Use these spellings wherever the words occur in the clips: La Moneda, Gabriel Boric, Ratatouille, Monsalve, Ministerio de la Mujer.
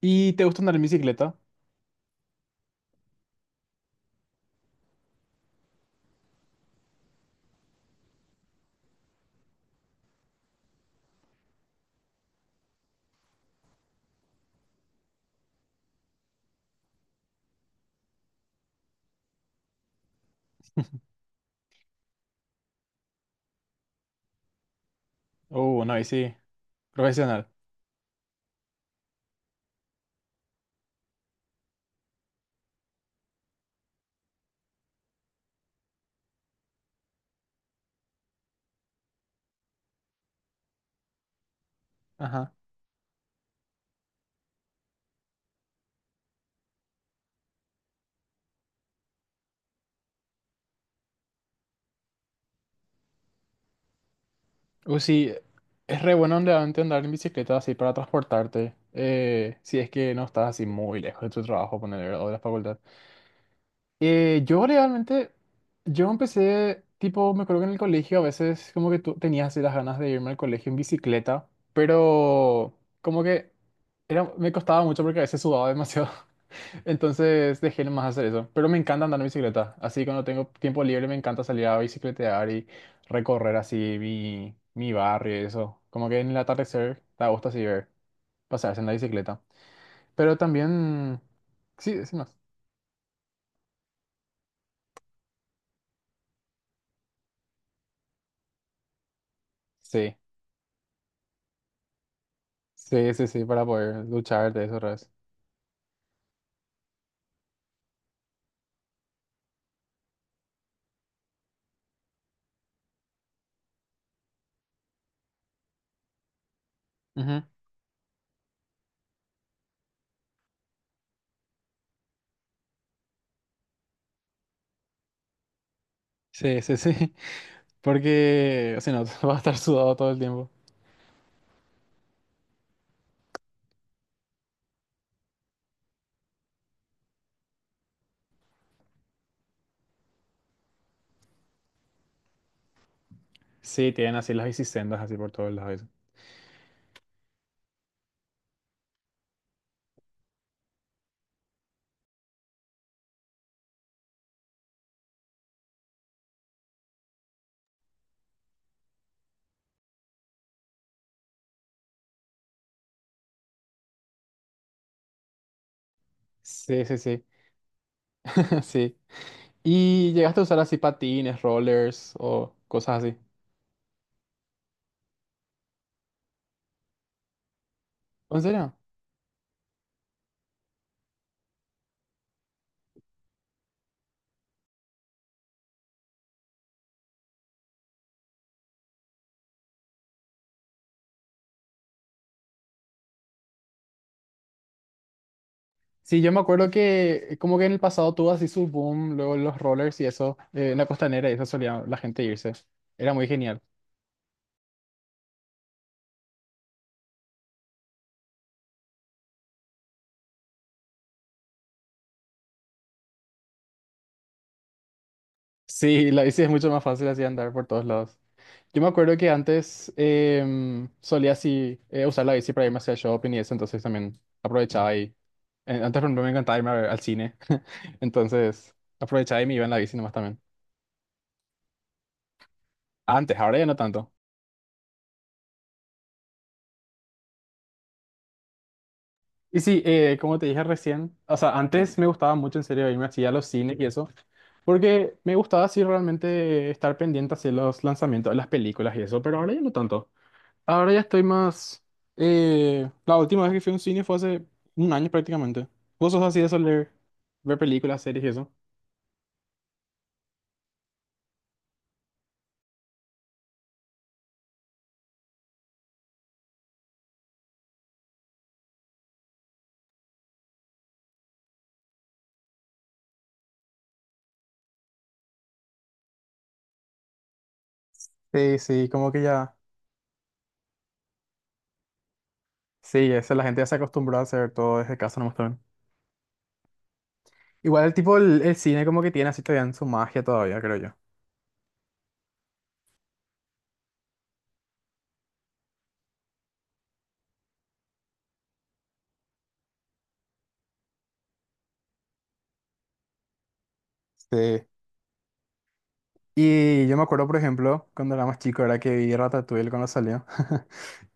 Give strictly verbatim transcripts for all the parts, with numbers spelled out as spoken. ¿Y te gusta andar en bicicleta? Uh, una bici profesional. Ajá. Uh, sí, es re bueno realmente andar en bicicleta así para transportarte. Eh, si es que no estás así muy lejos de tu trabajo, poner o de la facultad. Eh, yo realmente, yo empecé, tipo, me acuerdo que en el colegio a veces como que tú tenías así las ganas de irme al colegio en bicicleta, pero como que era, me costaba mucho porque a veces sudaba demasiado. Entonces dejé más hacer eso. Pero me encanta andar en bicicleta. Así cuando tengo tiempo libre me encanta salir a bicicletear y recorrer así mi, mi barrio y eso. Como que en el atardecer te gusta así ver, pasarse en la bicicleta. Pero también... Sí, sí, más. Sí, sí, sí, sí, para poder luchar de eso otra vez. Ujú. Sí, sí, sí. Porque si no, vas a estar sudado todo el tiempo. Sí, tienen así las bicisendas así por todos lados. Eso. Sí, sí, sí. Sí. ¿Y llegaste a usar así patines, rollers o cosas así? ¿En serio? Sí, yo me acuerdo que como que en el pasado tuvo así su boom, luego los rollers y eso, eh, en la costanera y eso solía la gente irse. Era muy genial. Sí, la bici es mucho más fácil así andar por todos lados. Yo me acuerdo que antes em, solía así eh, usar la bici para irme hacia el shopping y eso, entonces también aprovechaba y... eh, Antes, por ejemplo, me encantaba irme a ver al cine, entonces aprovechaba y me iba en la bici nomás también. Antes, ahora ya no tanto. Y sí, eh, como te dije recién, o sea, antes me gustaba mucho en serio irme así a los cines y eso, porque me gustaba así realmente estar pendiente hacia los lanzamientos de las películas y eso, pero ahora ya no tanto. Ahora ya estoy más... eh, La última vez que fui a un cine fue hace un año prácticamente. ¿Vos sos así de soler ver películas, series y eso? Sí, sí, como que ya... Sí, eso, la gente ya se acostumbró a hacer todo desde casa nomás también. Igual el tipo, el, el cine como que tiene así todavía en su magia todavía, creo yo. Sí. Y yo me acuerdo, por ejemplo, cuando era más chico, era que vi Ratatouille cuando salió.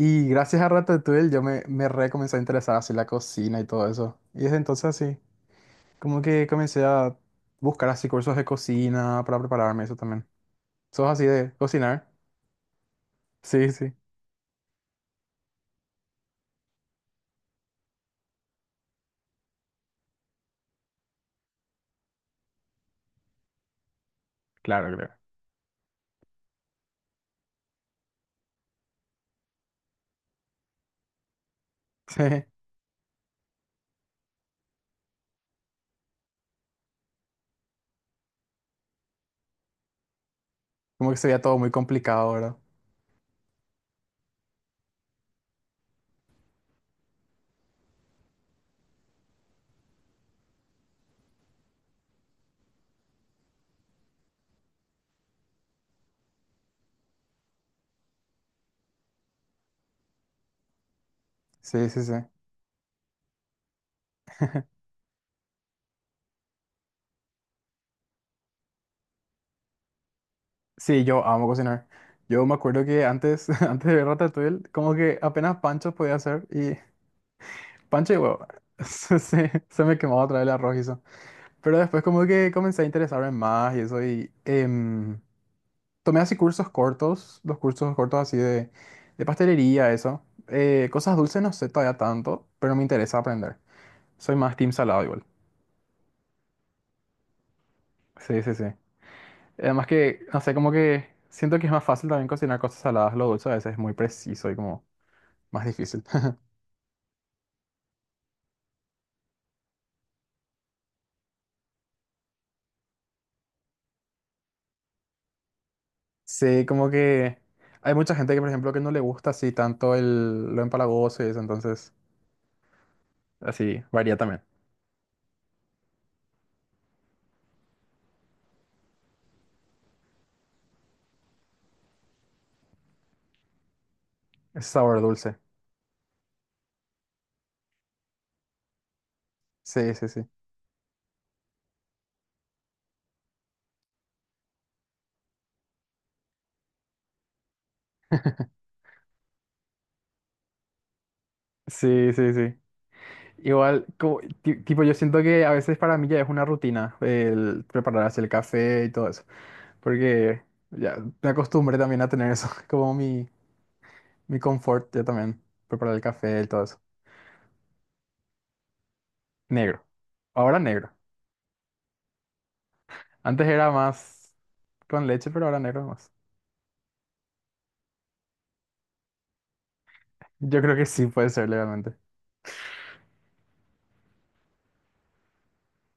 Y gracias a Ratatouille yo me, me re comencé a interesar así la cocina y todo eso. Y desde entonces así, como que comencé a buscar así cursos de cocina para prepararme eso también. ¿Sos así de cocinar? Sí, sí. Claro, claro. Sí. Como que sería todo muy complicado, ¿verdad? Sí, sí, sí. Sí, yo amo cocinar. Yo me acuerdo que antes, antes de ver Ratatouille, como que apenas pancho podía hacer y Pancha y huevo. Sí, se me quemaba otra vez el arroz y eso. Pero después como que comencé a interesarme más y eso y em, tomé así cursos cortos, los cursos cortos así de, de pastelería, eso. Eh, cosas dulces no sé todavía tanto, pero me interesa aprender. Soy más team salado igual. Sí, sí, sí. Además que, no sé, como que siento que es más fácil también cocinar cosas saladas. Lo dulce a veces es muy preciso y como más difícil. Sí, como que hay mucha gente que, por ejemplo, que no le gusta así tanto el, lo empalagoso y eso, entonces... Así, varía también. Es sabor dulce. Sí, sí, sí. Sí, sí, sí. Igual, como- ti- tipo, yo siento que a veces para mí ya es una rutina el prepararse el café y todo eso, porque ya me acostumbré también a tener eso como mi, mi confort, ya también, preparar el café y todo eso. Negro. Ahora negro. Antes era más con leche, pero ahora negro más. Yo creo que sí puede ser legalmente.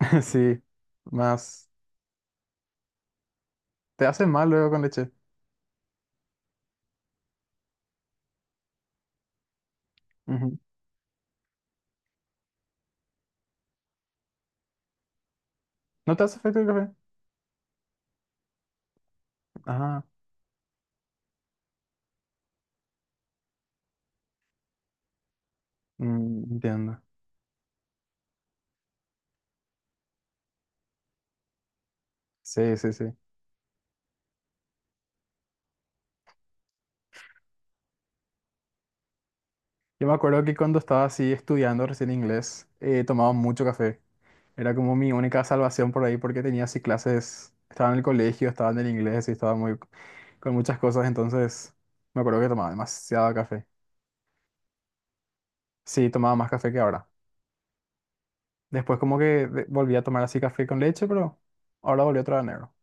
Sí, más... ¿Te hace mal luego con leche? Ujú. ¿No te hace efecto el café? Ah. Mm, entiendo. Sí, sí, sí. Yo me acuerdo que cuando estaba así estudiando recién inglés, eh, tomaba mucho café. Era como mi única salvación por ahí porque tenía así clases, estaba en el colegio, estaba en el inglés y estaba muy con muchas cosas, entonces me acuerdo que tomaba demasiado café. Sí, tomaba más café que ahora. Después como que de- volví a tomar así café con leche, pero ahora volví otra vez negro.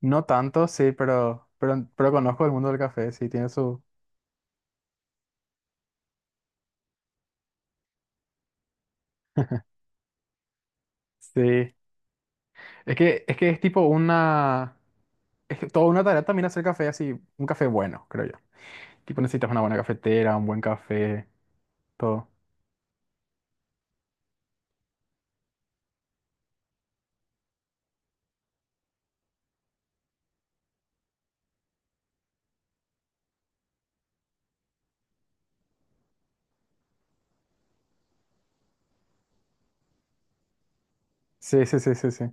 No tanto, sí, pero, pero, pero conozco el mundo del café, sí, tiene su... Sí, es que, es que es tipo una... Es que toda una tarea también hacer café así, un café bueno, creo yo. Tipo necesitas una buena cafetera, un buen café, todo. Sí, sí, sí, sí, sí.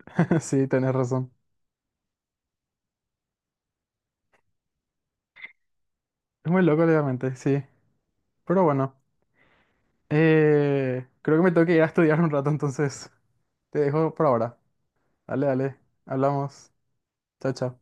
Sí, tenés razón. Es muy loco, obviamente, sí. Pero bueno, eh, creo que me tengo que ir a estudiar un rato, entonces te dejo por ahora. Dale, dale. Hablamos. Chao, chao.